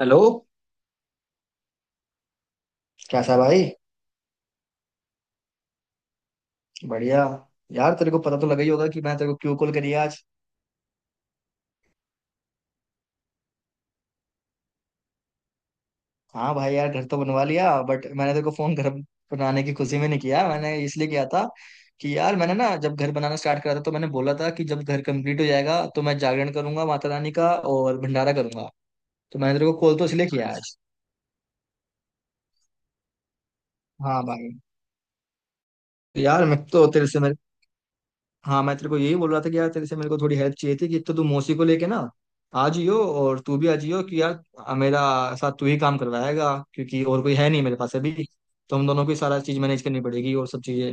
Hello. कैसा भाई। बढ़िया। यार तेरे को पता तो लगा ही होगा कि मैंने तेरे को क्यों कॉल करी आज। हाँ भाई, यार घर तो बनवा लिया बट मैंने तेरे को फोन घर बनाने की खुशी में नहीं किया, मैंने इसलिए किया था कि यार मैंने ना जब घर बनाना स्टार्ट करा था तो मैंने बोला था कि जब घर कंप्लीट हो जाएगा तो मैं जागरण करूंगा माता रानी का और भंडारा करूंगा। तो मैंने तेरे को कॉल तो इसलिए किया आज। अच्छा। हाँ भाई, यार मैं तो तेरे से, हाँ मैं तेरे को यही बोल रहा था कि यार तेरे से मेरे को थोड़ी हेल्प चाहिए थी कि एक तो तू मौसी को लेके ना आ जियो, और तू भी आ जियो कि यार मेरा साथ तू ही काम करवाएगा, क्योंकि और कोई है नहीं मेरे पास अभी। तो हम दोनों को ही सारा चीज मैनेज करनी पड़ेगी और सब चीजें।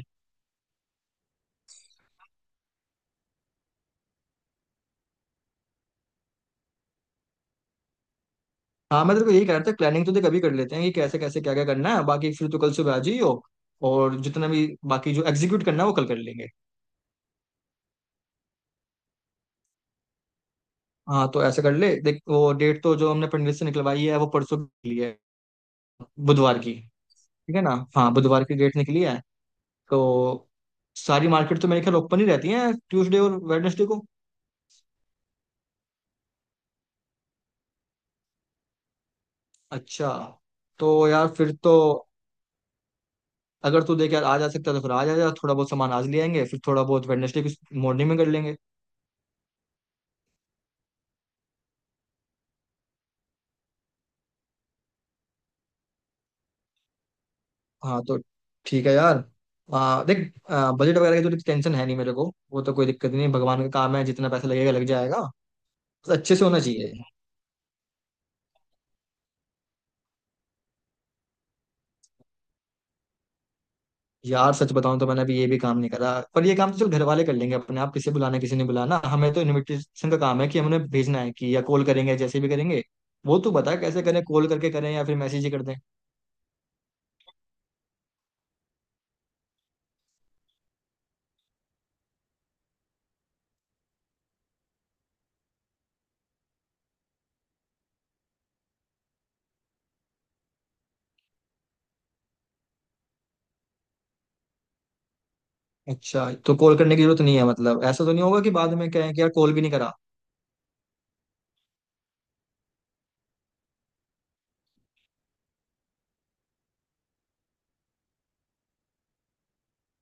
हाँ मैं तेरे को यही कह रहा था, प्लानिंग तो देख अभी कर लेते हैं कि कैसे कैसे क्या क्या करना है, बाकी फिर तू कल सुबह आ जियो, और जितना भी बाकी जो एग्जीक्यूट करना है वो कल कर लेंगे। हाँ तो ऐसा कर ले, देख वो डेट तो जो हमने पंडित से निकलवाई है वो परसों के लिए है, बुधवार की। ठीक है ना। हाँ बुधवार की डेट निकली है। तो सारी मार्केट तो मेरे ख्याल ओपन ही रहती है ट्यूसडे और वेडनेसडे को। अच्छा। तो यार फिर तो, अगर तू देख यार आज आ सकता है तो फिर आज आ जा, थोड़ा बहुत सामान आज ले आएंगे, फिर थोड़ा बहुत वेडनेसडे की मॉर्निंग में कर लेंगे। हाँ तो ठीक है यार। देख बजट वगैरह की तो टेंशन है नहीं मेरे को, वो तो कोई दिक्कत नहीं, भगवान का काम है, जितना पैसा लगेगा लग जाएगा। बस अच्छे से होना चाहिए। यार सच बताऊं तो मैंने अभी ये भी काम नहीं करा, पर ये काम तो चल घर वाले कर लेंगे अपने आप, किसे बुलाना किसी ने बुलाना, हमें तो इनविटेशन का काम है कि हमने भेजना है कि या कॉल करेंगे जैसे भी करेंगे। वो तू बता कैसे करें, कॉल करके करें या फिर मैसेज ही कर दें। अच्छा तो कॉल करने की जरूरत नहीं है, मतलब ऐसा तो नहीं होगा कि बाद में कहें कि यार कॉल भी नहीं करा।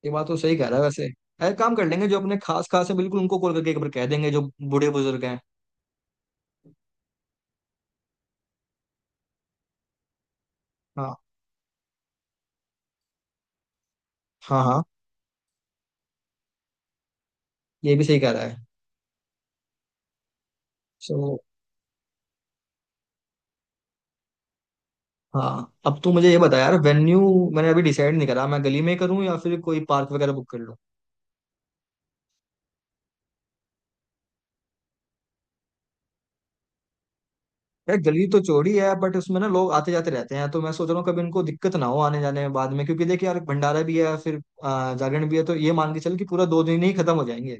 ये बात तो सही कह रहा है वैसे। एक काम कर लेंगे जो अपने खास खास है बिल्कुल उनको कॉल करके एक बार कह देंगे, जो बूढ़े बुजुर्ग हैं। हाँ हाँ हाँ, ये भी सही कह रहा है। सो हाँ, अब तू मुझे ये बता यार वेन्यू, मैंने अभी डिसाइड नहीं करा मैं गली में करूँ या फिर कोई पार्क वगैरह बुक कर लूँ। यार गली तो चौड़ी है, बट उसमें ना लोग आते जाते रहते हैं तो मैं सोच रहा हूँ कभी इनको दिक्कत ना हो आने जाने में बाद में, क्योंकि देख यार भंडारा भी है, फिर जागरण भी है, तो ये मान के चल कि पूरा 2 दिन ही खत्म हो जाएंगे।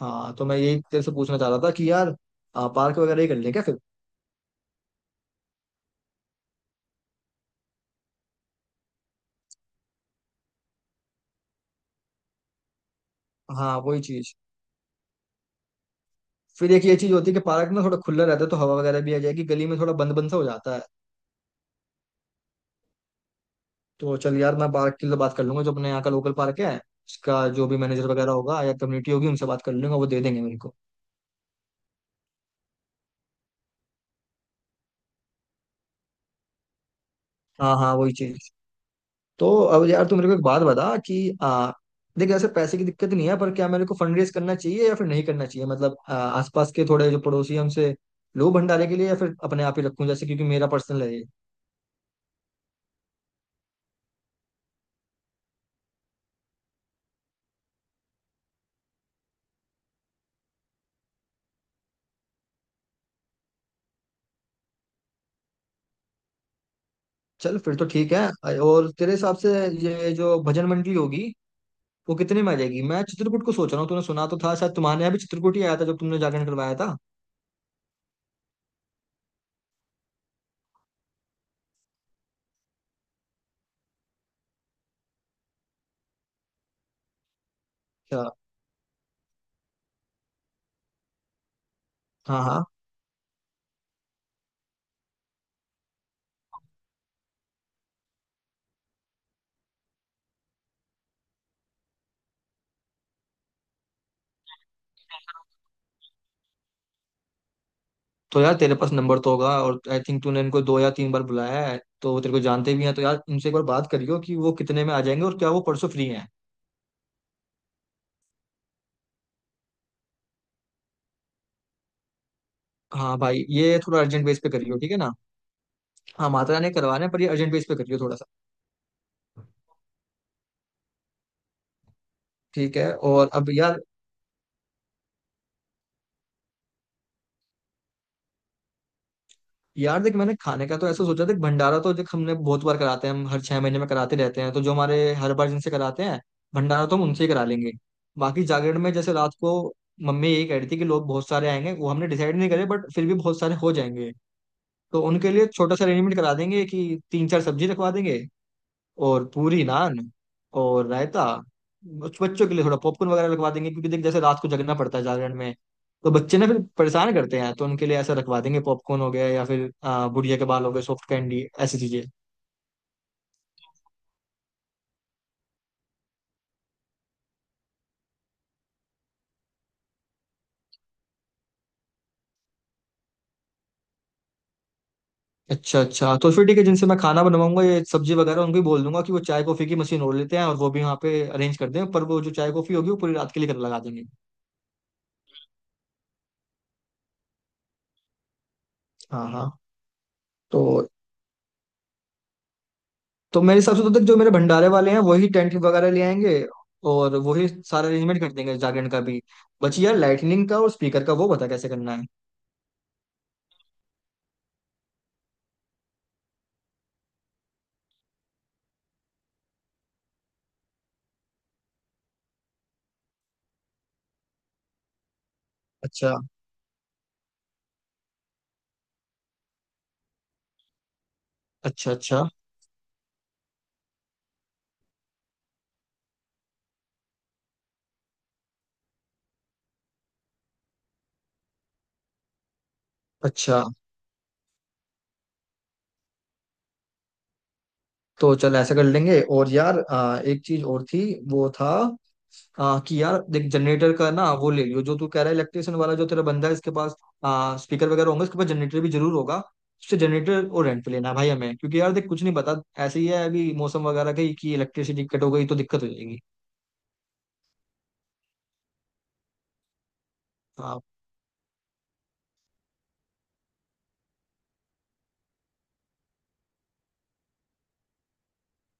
हाँ तो मैं यही तेरे से पूछना चाह रहा था कि यार पार्क वगैरह ही कर लें क्या फिर। हाँ वही चीज, फिर एक ये चीज होती है कि पार्क ना थोड़ा खुला रहता है तो हवा वगैरह भी आ जाएगी, गली में थोड़ा बंद बंद सा हो जाता है। तो चल यार मैं पार्क की तो बात कर लूंगा, जो अपने यहाँ का लोकल पार्क है उसका जो भी मैनेजर वगैरह होगा या कम्युनिटी होगी उनसे बात कर लूंगा, वो दे देंगे मेरे को। हाँ हाँ वही चीज। तो अब यार तू मेरे को एक बात बता कि आ, देख ऐसे पैसे की दिक्कत नहीं है, पर क्या मेरे को फंड रेज करना चाहिए या फिर नहीं करना चाहिए, मतलब आसपास के थोड़े जो पड़ोसी हैं उनसे लो भंडारे के लिए या फिर अपने आप ही रखूं जैसे, क्योंकि मेरा पर्सनल है ये। चल फिर तो ठीक है। और तेरे हिसाब से ये जो भजन मंडली होगी वो कितने में आ जाएगी, मैं चित्रकूट को सोच रहा हूँ, तूने सुना तो था शायद, तुम्हारे यहाँ भी चित्रकूट ही आया था जब तुमने जागरण करवाया था। अच्छा। हाँ हाँ। तो यार तेरे पास नंबर तो होगा, और आई थिंक तूने इनको दो या तीन बार बुलाया है तो वो तेरे को जानते भी हैं, तो यार उनसे एक बार बात करियो कि वो कितने में आ जाएंगे और क्या वो परसों फ्री हैं। हाँ भाई ये थोड़ा अर्जेंट बेस पे करियो, ठीक है ना। हाँ माता रानी करवाना है पर ये अर्जेंट बेस पे करियो थोड़ा सा। ठीक है। और अब यार, यार देख मैंने खाने का तो ऐसा सोचा, देख भंडारा तो देख हमने बहुत बार कराते हैं, हम हर 6 महीने में कराते रहते हैं, तो जो हमारे हर बार जिनसे कराते हैं भंडारा तो हम उनसे ही करा लेंगे। बाकी जागरण में जैसे रात को मम्मी यही कह रही थी कि लोग बहुत सारे आएंगे, वो हमने डिसाइड नहीं करे बट फिर भी बहुत सारे हो जाएंगे, तो उनके लिए छोटा सा अरेंजमेंट करा देंगे कि तीन चार सब्जी रखवा देंगे, और पूरी नान और रायता। बच्चों के लिए थोड़ा पॉपकॉर्न वगैरह रखवा देंगे, क्योंकि देख जैसे रात को जगना पड़ता है जागरण में तो बच्चे ना फिर परेशान करते हैं, तो उनके लिए ऐसा रखवा देंगे, पॉपकॉर्न हो गया या फिर गुड़िया के बाल हो गए, सॉफ्ट कैंडी ऐसी चीजें। अच्छा अच्छा, तो फिर ठीक है, जिनसे मैं खाना बनवाऊंगा ये सब्जी वगैरह उनको भी बोल दूंगा कि वो चाय कॉफी की मशीन और लेते हैं और वो भी वहाँ पे अरेंज कर दें, पर वो जो चाय कॉफी होगी वो पूरी रात के लिए कर लगा देंगे। हाँ हाँ। तो तो मेरे हिसाब से तो तक जो मेरे भंडारे वाले हैं वही टेंट वगैरह ले आएंगे, और वही सारा अरेंजमेंट कर देंगे जागरण का भी। बची यार लाइटनिंग का और स्पीकर का, वो बता कैसे करना है। अच्छा अच्छा अच्छा अच्छा। तो चल ऐसा कर लेंगे। और यार एक चीज और थी, वो था कि यार देख जनरेटर का ना वो ले लियो, जो तू कह रहा है इलेक्ट्रिशियन वाला जो तेरा बंदा है इसके पास स्पीकर वगैरह होंगे, उसके पास जनरेटर भी जरूर होगा। उससे जनरेटर और रेंट पे लेना है भाई हमें, क्योंकि यार देख कुछ नहीं पता ऐसे ही है अभी मौसम वगैरह का ही, कि इलेक्ट्रिसिटी कट हो गई तो दिक्कत हो जाएगी।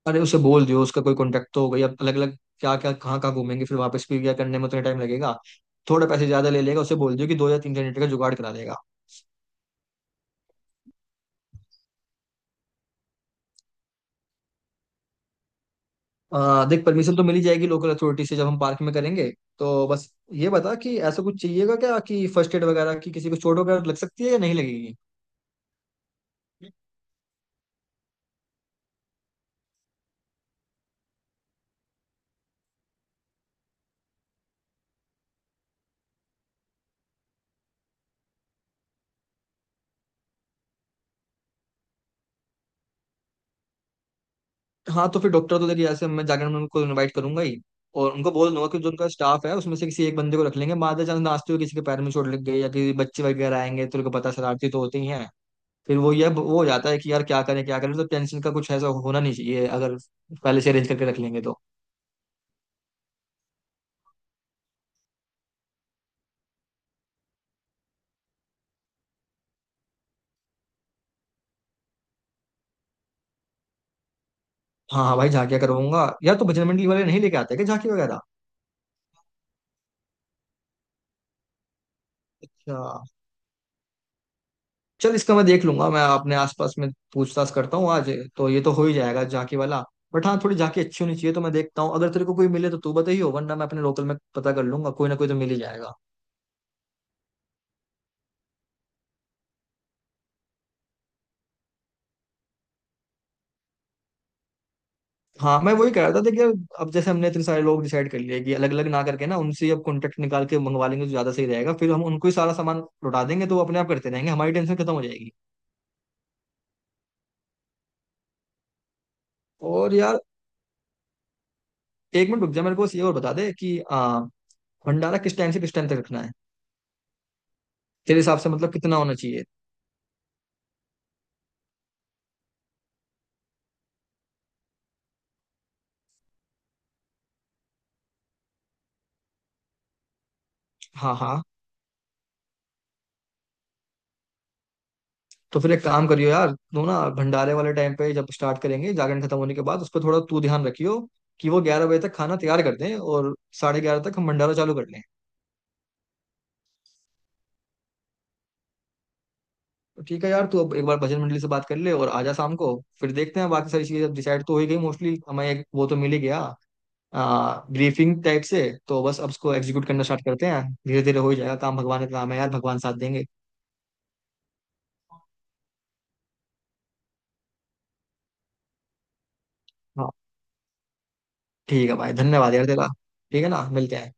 अरे उसे बोल दियो, उसका कोई कांटेक्ट तो हो गई, अब अलग अलग क्या क्या कहाँ कहाँ घूमेंगे, फिर वापस भी क्या करने में उतना टाइम लगेगा। थोड़े पैसे ज्यादा ले लेगा, उसे बोल दियो कि दो या तीन जनरेटर का जुगाड़ करा देगा। देख परमिशन तो मिल ही जाएगी लोकल अथॉरिटी से जब हम पार्क में करेंगे, तो बस ये बता कि ऐसा कुछ चाहिएगा क्या कि फर्स्ट एड वगैरह की, किसी को चोट वगैरह लग सकती है या नहीं लगेगी। हाँ तो फिर डॉक्टर तो देखिए ऐसे मैं जाकर मैं उनको इनवाइट करूंगा ही, और उनको बोल दूंगा कि जो उनका स्टाफ है उसमें से किसी एक बंदे को रख लेंगे, बाय चांस नाचते हुए किसी के पैर में चोट लग गई या किसी बच्चे वगैरह आएंगे, तो उनको पता शरारती तो होते ही हैं। फिर वो ये वो हो जाता है कि यार क्या करें क्या करें, तो टेंशन का कुछ ऐसा होना नहीं चाहिए, अगर पहले से अरेंज करके रख लेंगे तो। हाँ हाँ भाई झांकिया करवाऊंगा यार, तो बजरंग मंडली वाले नहीं लेके आते क्या झांकी वगैरह। अच्छा, चल इसका मैं देख लूंगा, मैं अपने आसपास में पूछताछ करता हूँ आज, तो ये तो हो ही जाएगा झांकी वाला, बट हाँ थोड़ी झांकी अच्छी होनी चाहिए, तो मैं देखता हूँ अगर तेरे को कोई मिले तो तू बताइयो, वरना मैं अपने लोकल में पता कर लूंगा, कोई ना कोई तो मिल ही जाएगा। हाँ मैं वही कह रहा था, देखिए अब जैसे हमने इतने सारे लोग डिसाइड कर लिए कि अलग अलग ना करके ना उनसे ही अब कॉन्टेक्ट निकाल के मंगवा लेंगे तो ज्यादा सही रहेगा, फिर हम उनको ही सारा सामान लौटा देंगे तो वो अपने आप करते रहेंगे, हमारी टेंशन खत्म हो जाएगी। और यार एक मिनट रुक जा, मेरे को बस ये और बता दे कि भंडारा किस टाइम से किस टाइम तक रखना है, तेरे हिसाब से मतलब कितना होना चाहिए। हाँ हाँ। तो फिर एक काम करियो यार, तू ना भंडारे वाले टाइम पे जब स्टार्ट करेंगे जागरण खत्म होने के बाद उस पर थोड़ा तू ध्यान रखियो कि वो 11 बजे तक खाना तैयार कर दें, और साढ़े 11 तक हम भंडारा चालू कर लें। तो ठीक है यार, तू अब एक बार बजट मंडली से बात कर ले और आजा शाम को, फिर देखते हैं बाकी सारी चीजें डिसाइड तो हो ही गई मोस्टली हमें, एक वो तो मिल ही गया, ब्रीफिंग टाइप से। तो बस अब उसको एग्जीक्यूट करना स्टार्ट करते हैं। धीरे धीरे हो ही जाएगा काम, भगवान का काम है यार, भगवान साथ देंगे। हाँ ठीक है भाई, धन्यवाद यार तेरा। ठीक है ना, मिलते हैं।